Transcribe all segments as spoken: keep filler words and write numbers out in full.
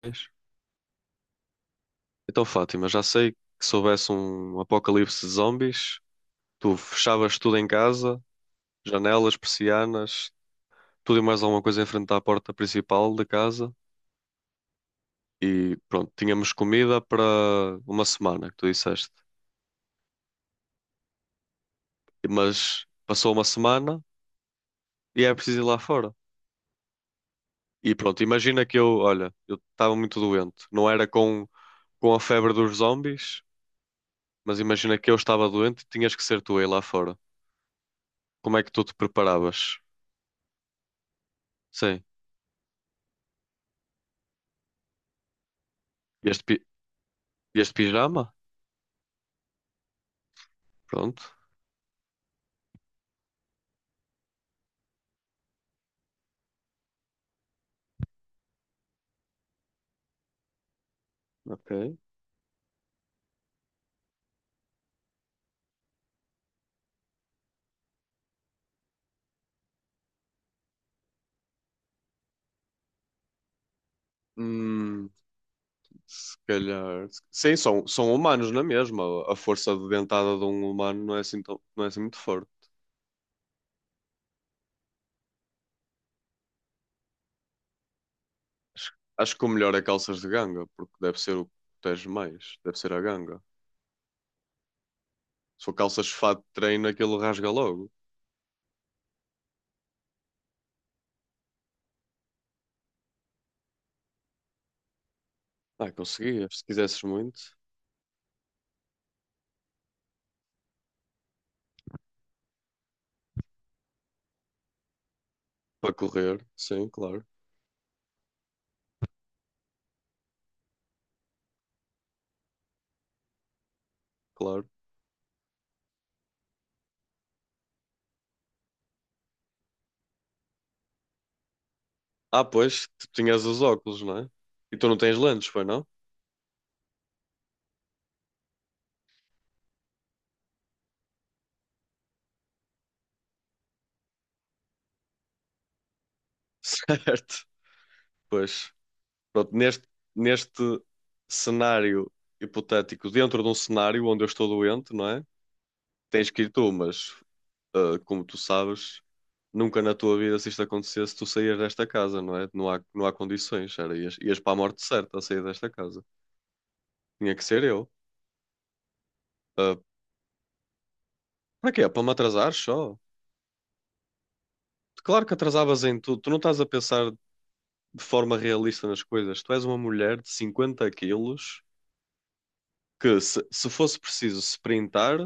Pois. Então, Fátima, já sei que se houvesse um apocalipse de zombies, tu fechavas tudo em casa, janelas, persianas, tudo e mais alguma coisa em frente à porta principal da casa e pronto, tínhamos comida para uma semana, que tu disseste. Mas passou uma semana e é preciso ir lá fora. E pronto, imagina que eu, olha, eu estava muito doente. Não era com, com a febre dos zombies, mas imagina que eu estava doente e tinhas que ser tu aí lá fora. Como é que tu te preparavas? Sim. Este, dias de pijama? Pronto, ok. Hum, se calhar. Sim, são, são humanos na mesma. A força de dentada de um humano não é assim, tão, não é assim muito forte. Acho que o melhor é calças de ganga, porque deve ser o que protege mais. Deve ser a ganga. Se for calças de fato de treino, aquilo rasga logo. Ah, conseguias, se quisesses muito. Para correr, sim, claro, claro. Ah, pois, tu tinhas os óculos, não é? E tu não tens lentes, foi não? Certo, pois. Pronto, neste, neste cenário hipotético, dentro de um cenário onde eu estou doente, não é? Tens que ir tu, mas ah, como tu sabes, nunca na tua vida, se isto acontecesse, tu saías desta casa, não é? Não há, não há condições, era, ias, ias para a morte certa a sair desta casa. Tinha que ser eu. Ah, para quê? Para me atrasar só? Claro que atrasavas em tudo. Tu não estás a pensar de forma realista nas coisas. Tu és uma mulher de cinquenta quilos que, se, se fosse preciso sprintar,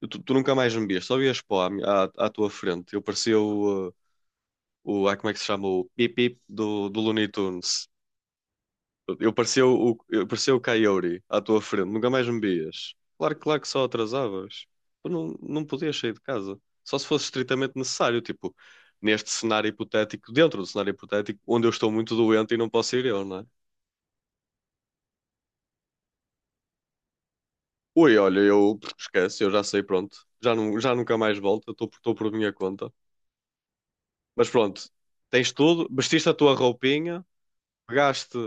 tu, tu nunca mais me vias, só vias pó à, mi- à, à tua frente. Eu parecia o, uh, o, ah, como é que se chama? O Pip Pip do, do Looney Tunes. Eu parecia o, eu parecia o Coyote à tua frente, nunca mais me vias. Claro, claro que só atrasavas. Tu não, não podias sair de casa. Só se fosse estritamente necessário, tipo, neste cenário hipotético, dentro do cenário hipotético, onde eu estou muito doente e não posso ir eu, não é? Ui, olha, eu esquece, eu já sei, pronto. Já, não, já nunca mais volto, eu estou por estou por minha conta. Mas pronto, tens tudo, vestiste a tua roupinha, pegaste,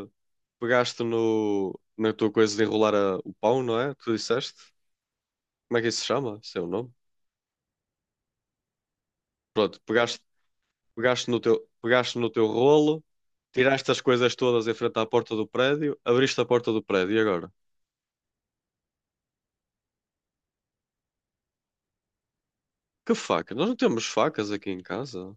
pegaste no, na tua coisa de enrolar a- o pão, não é? Tu disseste? Como é que isso se chama? Esse é o nome? Pronto, pegaste, pegaste no teu, pegaste no teu rolo, tiraste as coisas todas em frente à porta do prédio, abriste a porta do prédio e agora? Que faca? Nós não temos facas aqui em casa.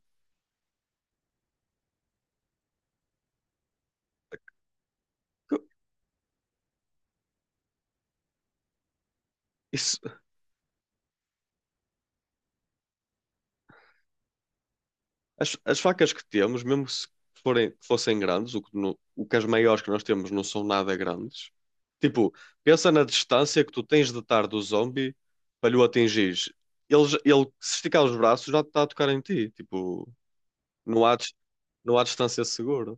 Que- isso, As, as facas que temos, mesmo se forem, que fossem grandes, o que, no- o que as maiores que nós temos não são nada grandes. Tipo, pensa na distância que tu tens de estar do zombie para lhe o atingires. Ele, j- ele, se esticar os braços, já está a tocar em ti. Tipo, não há, dis- não há distância segura.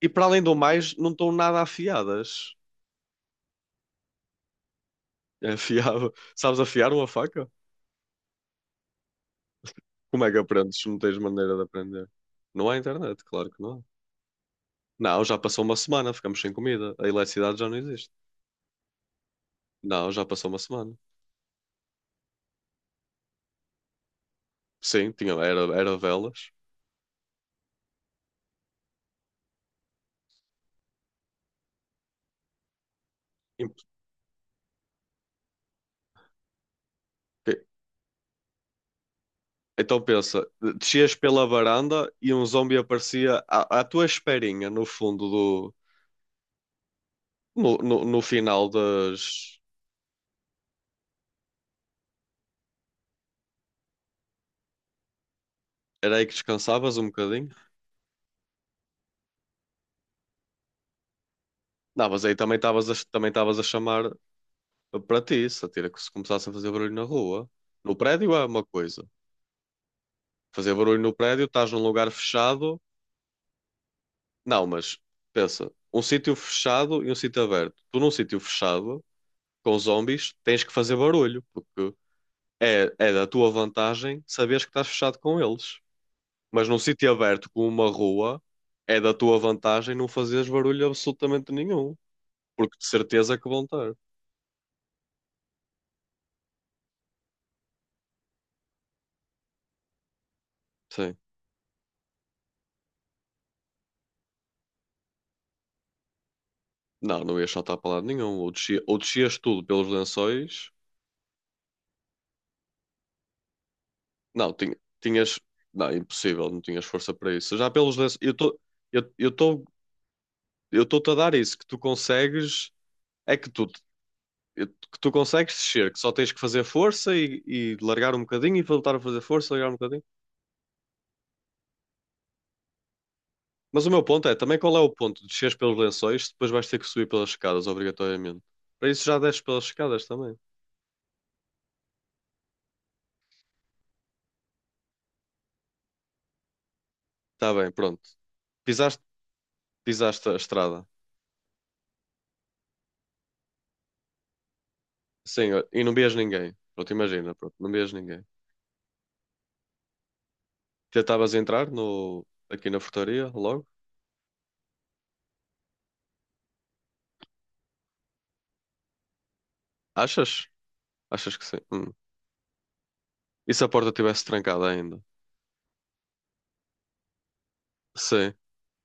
E para além do mais, não estão nada afiadas. É afiado. Sabes afiar uma faca? Como é que aprendes se não tens maneira de aprender? Não há internet, claro que não há. Não, já passou uma semana, ficamos sem comida. A eletricidade já não existe. Não, já passou uma semana. Sim, tinha, era, era velas. Imp- então pensa, descias pela varanda e um zombie aparecia à, à tua esperinha no fundo do. No, no, no final das. Era aí que descansavas um bocadinho? Não, mas aí também estavas a, também estavas a chamar para ti, se atira que se começassem a fazer barulho na rua. No prédio é uma coisa. Fazer barulho no prédio, estás num lugar fechado. Não, mas pensa, um sítio fechado e um sítio aberto. Tu num sítio fechado com zombies, tens que fazer barulho, porque é, é da tua vantagem saberes que estás fechado com eles. Mas num sítio aberto como uma rua, é da tua vantagem não fazeres barulho absolutamente nenhum, porque de certeza que vão ter. Sim. Não, não ias saltar para lado nenhum. Ou descia- ou descias tudo pelos lençóis. Não, tinha- tinhas. Não, impossível, não tinhas força para isso. Já pelos lençóis. Eu estou. Eu estou. Eu estou-te a dar isso, que tu consegues. É que tu eu- que tu consegues descer, que só tens que fazer força e, e largar um bocadinho e voltar a fazer força, largar um bocadinho. Mas o meu ponto é, também qual é o ponto de desceres pelos lençóis, depois vais ter que subir pelas escadas, obrigatoriamente. Para isso já desces pelas escadas também. Tá bem, pronto. Pisaste, pisaste a estrada. Sim, ó, e não vias ninguém. Pronto, imagina, pronto, não vias ninguém. Tentavas entrar no, aqui na frutaria logo? Achas? Achas que sim? Hum. E se a porta estivesse trancada ainda? Sim. O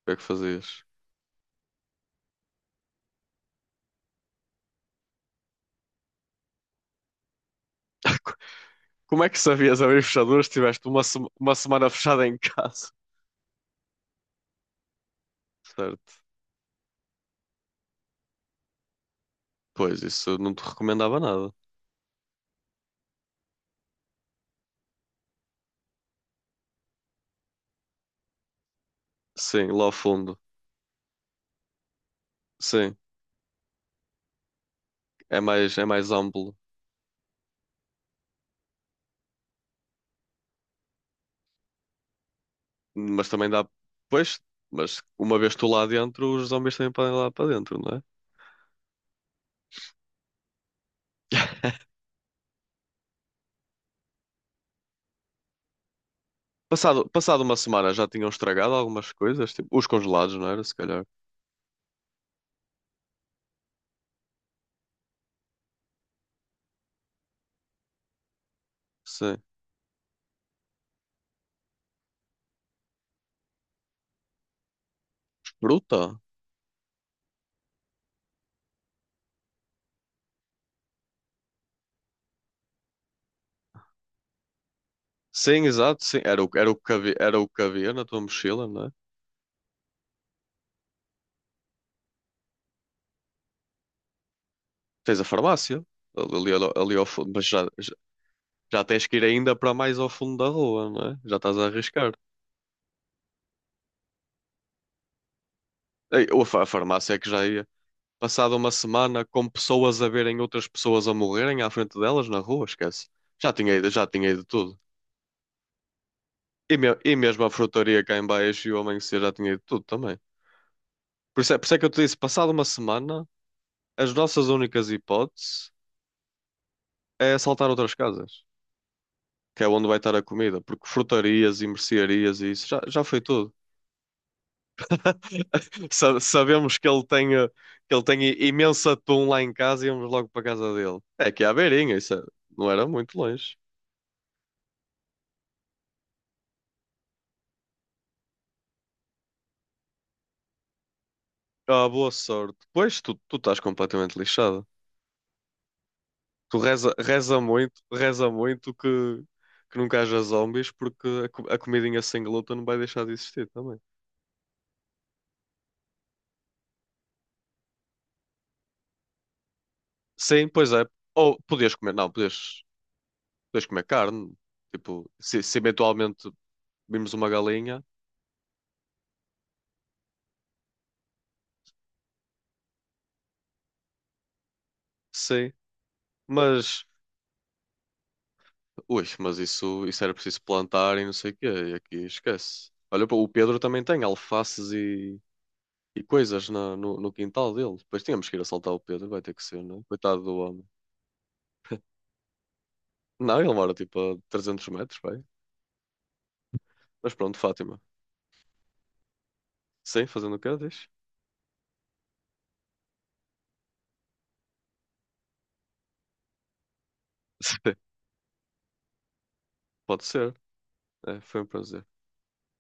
que é que fazias? Como é que sabias abrir fechaduras se tiveste uma, sema- uma semana fechada em casa? Certo. Pois, isso eu não te recomendava nada. Sim, lá ao fundo. Sim, é mais, é mais amplo. Mas também dá. Pois, mas uma vez tu lá dentro, os zombies também podem ir lá para dentro, não é? Passado, passado uma semana já tinham estragado algumas coisas, tipo os congelados, não era? Se calhar. Sim. Fruta? Sim, exato, sim. Era o, era o que havia, era o que havia na tua mochila, não é? Tens a farmácia ali, ali, ali ao fundo, mas já, já tens que ir ainda para mais ao fundo da rua, não é? Já estás a arriscar. Ei, ou a fa- a farmácia é que já ia. Passada uma semana com pessoas a verem outras pessoas a morrerem à frente delas na rua, esquece. Já tinha ido, já tinha ido tudo. E, me- e mesmo a frutaria cá em baixo e o amanhecer já tinha ido tudo também. Por isso é, por isso é que eu te disse, passada uma semana, as nossas únicas hipóteses é assaltar outras casas, que é onde vai estar a comida, porque frutarias e mercearias e isso já, já foi tudo. Sa- sabemos que ele tem, eh, que ele tem i- imenso atum lá em casa e íamos logo para a casa dele. É que é à beirinha, isso é- não era muito longe. Ah, boa sorte. Pois, tu, tu estás completamente lixado. Tu reza, reza muito, reza muito que, que nunca haja zombies porque a, co- a comidinha sem glúten não vai deixar de existir também. Sim, pois é. Ou podias comer, não, podias, podias comer carne. Tipo, se, se eventualmente vimos uma galinha, sim. Mas. Ui, mas isso, isso era preciso plantar e não sei o quê, e aqui esquece. Olha, pô, o Pedro também tem alfaces e, e coisas na- no, no quintal dele. Depois tínhamos que ir assaltar o Pedro, vai ter que ser, né? Coitado do homem. Não, ele mora tipo a trezentos metros, vai. Mas pronto, Fátima. Sim, fazendo o quê, diz? Pode ser. É, foi um prazer.